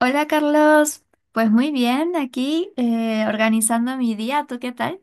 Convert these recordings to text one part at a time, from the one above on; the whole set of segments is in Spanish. Hola Carlos, pues muy bien, aquí organizando mi día, ¿tú qué tal?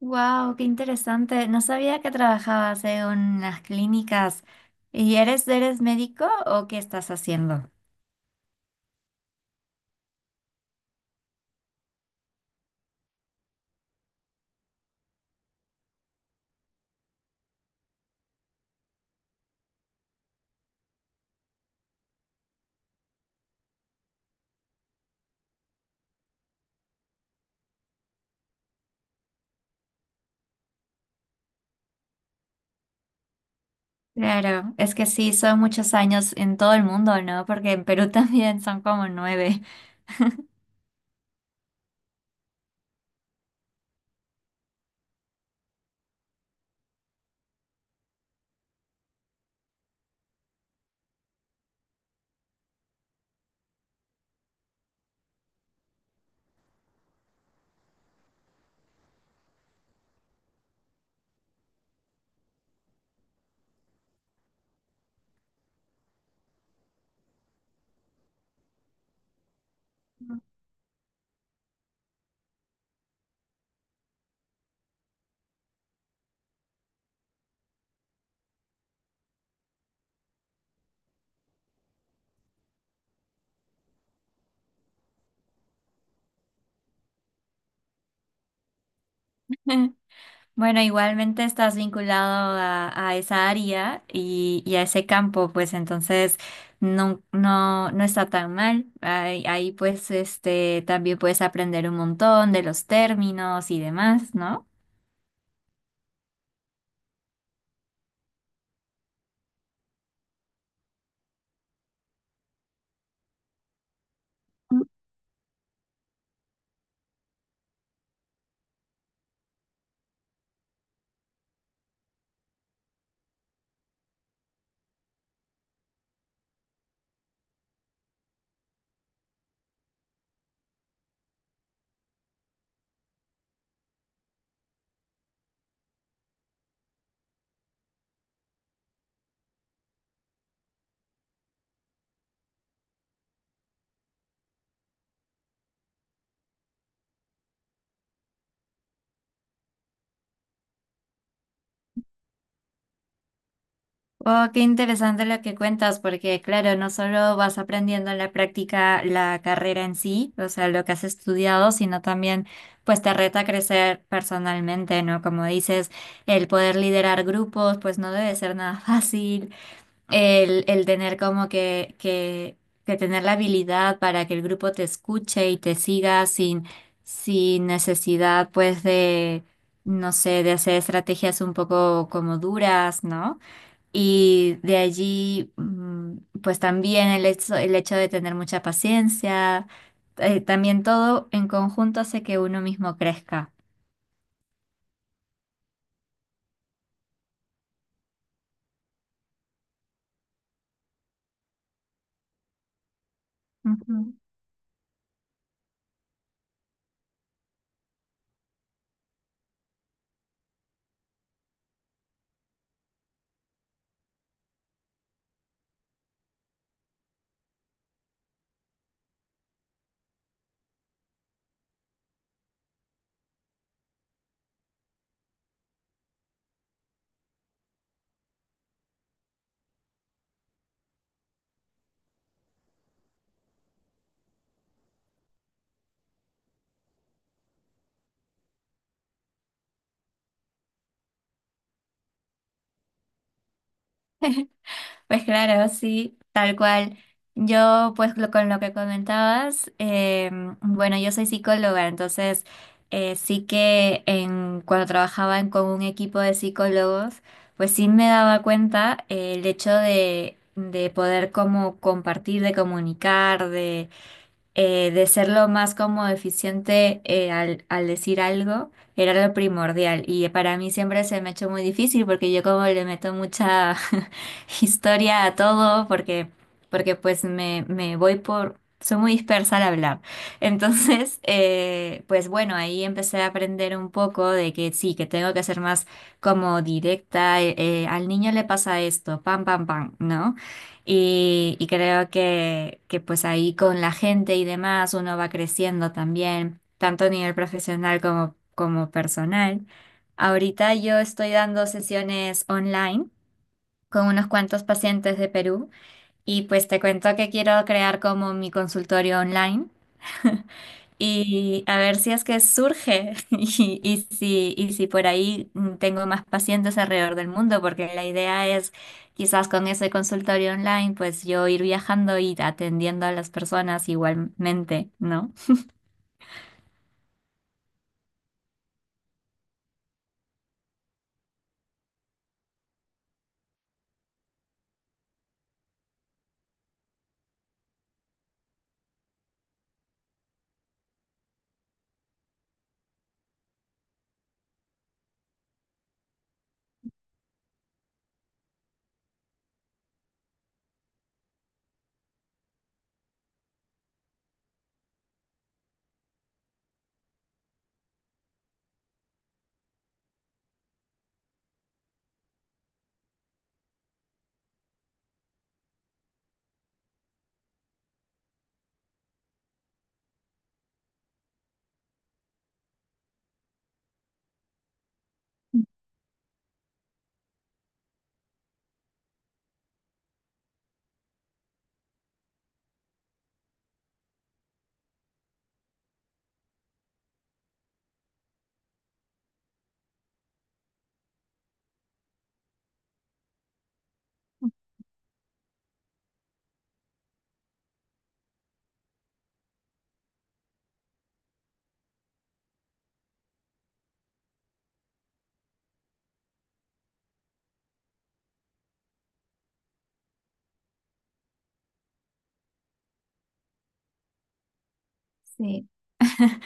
Wow, qué interesante. No sabía que trabajabas en unas clínicas. ¿Y eres médico o qué estás haciendo? Claro, es que sí, son muchos años en todo el mundo, ¿no? Porque en Perú también son como nueve. Bueno, igualmente estás vinculado a esa área y a ese campo, pues entonces no, no, no está tan mal. Ahí, ahí, pues este también puedes aprender un montón de los términos y demás, ¿no? Oh, qué interesante lo que cuentas, porque claro, no solo vas aprendiendo en la práctica la carrera en sí, o sea, lo que has estudiado, sino también pues te reta a crecer personalmente, ¿no? Como dices, el poder liderar grupos, pues no debe ser nada fácil. El tener como que tener la habilidad para que el grupo te escuche y te siga sin necesidad, pues, de, no sé, de hacer estrategias un poco como duras, ¿no? Y de allí, pues también el hecho de tener mucha paciencia, también todo en conjunto hace que uno mismo crezca. Ujú. Pues claro, sí, tal cual. Yo, pues lo- con lo que comentabas, bueno, yo soy psicóloga, entonces sí que en, cuando trabajaba en- con un equipo de psicólogos, pues sí me daba cuenta el hecho de poder como compartir, de comunicar, de ser lo más como eficiente al decir algo, era lo primordial. Y para mí siempre se me ha hecho muy difícil porque yo como le meto mucha historia a todo, porque pues me voy por... Soy muy dispersa al hablar. Entonces, pues bueno, ahí empecé a aprender un poco de que sí, que tengo que ser más como directa. Al niño le pasa esto, pam, pam, pam, ¿no? Y creo que pues ahí con la gente y demás uno va creciendo también, tanto a nivel profesional como, como personal. Ahorita yo estoy dando sesiones online con unos cuantos pacientes de Perú y pues te cuento que quiero crear como mi consultorio online y a ver si es que surge y si por ahí tengo más pacientes alrededor del mundo, porque la idea es quizás con ese consultorio online, pues yo ir viajando y atendiendo a las personas igualmente, ¿no? Sí.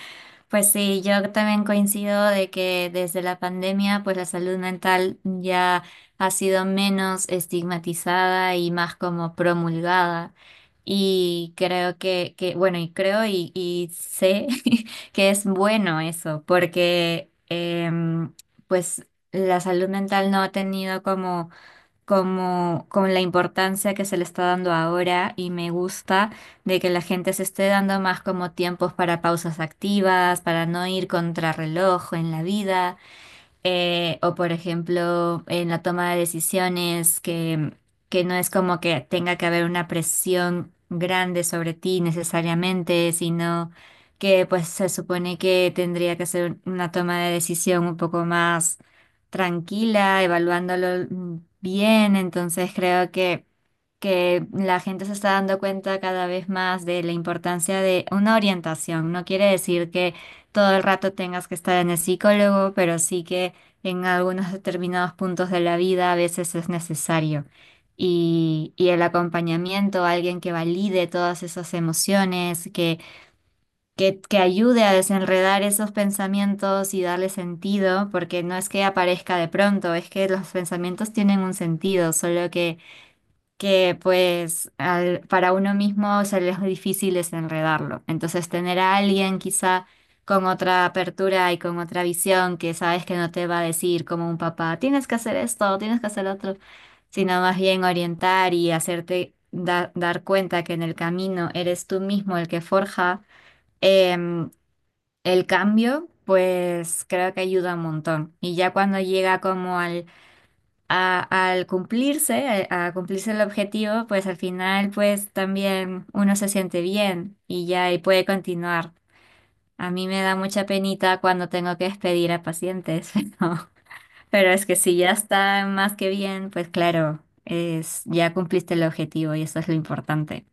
Pues sí, yo también coincido de que desde la pandemia, pues la salud mental ya ha sido menos estigmatizada y más como promulgada. Y creo que bueno, y creo y sé que es bueno eso, porque pues la salud mental no ha tenido como como con la importancia que se le está dando ahora y me gusta de que la gente se esté dando más como tiempos para pausas activas, para no ir contrarreloj en la vida. O por ejemplo, en la toma de decisiones, que no es como que tenga que haber una presión grande sobre ti necesariamente, sino que pues se supone que tendría que ser una toma de decisión un poco más tranquila, evaluándolo bien. Entonces creo que la gente se está dando cuenta cada vez más de la importancia de una orientación. No quiere decir que todo el rato tengas que estar en el psicólogo, pero sí que en algunos determinados puntos de la vida a veces es necesario. Y el acompañamiento, alguien que valide todas esas emociones, que ayude a desenredar esos pensamientos y darle sentido, porque no es que aparezca de pronto, es que los pensamientos tienen un sentido, solo que pues al- para uno mismo se le es difícil desenredarlo. Entonces tener a alguien quizá con otra apertura y con otra visión que sabes que no te va a decir como un papá, tienes que hacer esto, tienes que hacer lo otro, sino más bien orientar y hacerte da- dar cuenta que en el camino eres tú mismo el que forja em, el cambio, pues creo que ayuda un montón. Y ya cuando llega como al a- al cumplirse, a cumplirse el objetivo, pues al final pues también uno se siente bien y ya y puede continuar. A mí me da mucha penita cuando tengo que despedir a pacientes, pero, pero es que si ya está más que bien, pues claro, ya cumpliste el objetivo y eso es lo importante.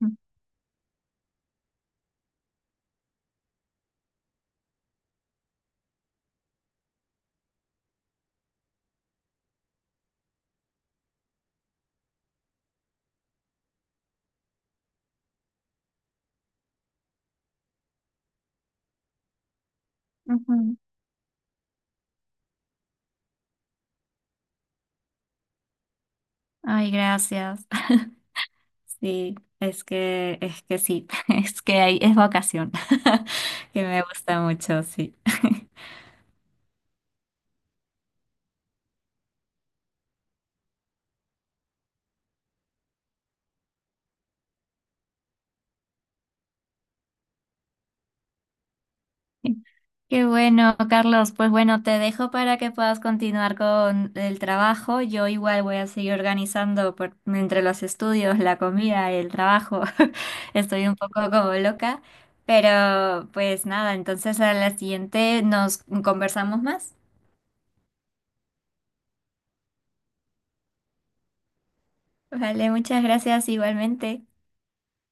Ujú, ujú. Ay, gracias. Sí, es que sí, es que hay, es vocación, que me gusta mucho, sí. Qué bueno, Carlos. Pues bueno, te dejo para que puedas continuar con el trabajo. Yo igual voy a seguir organizando por- entre los estudios, la comida, el trabajo. Estoy un poco como loca, pero pues nada, entonces a la siguiente nos conversamos más. Vale, muchas gracias igualmente.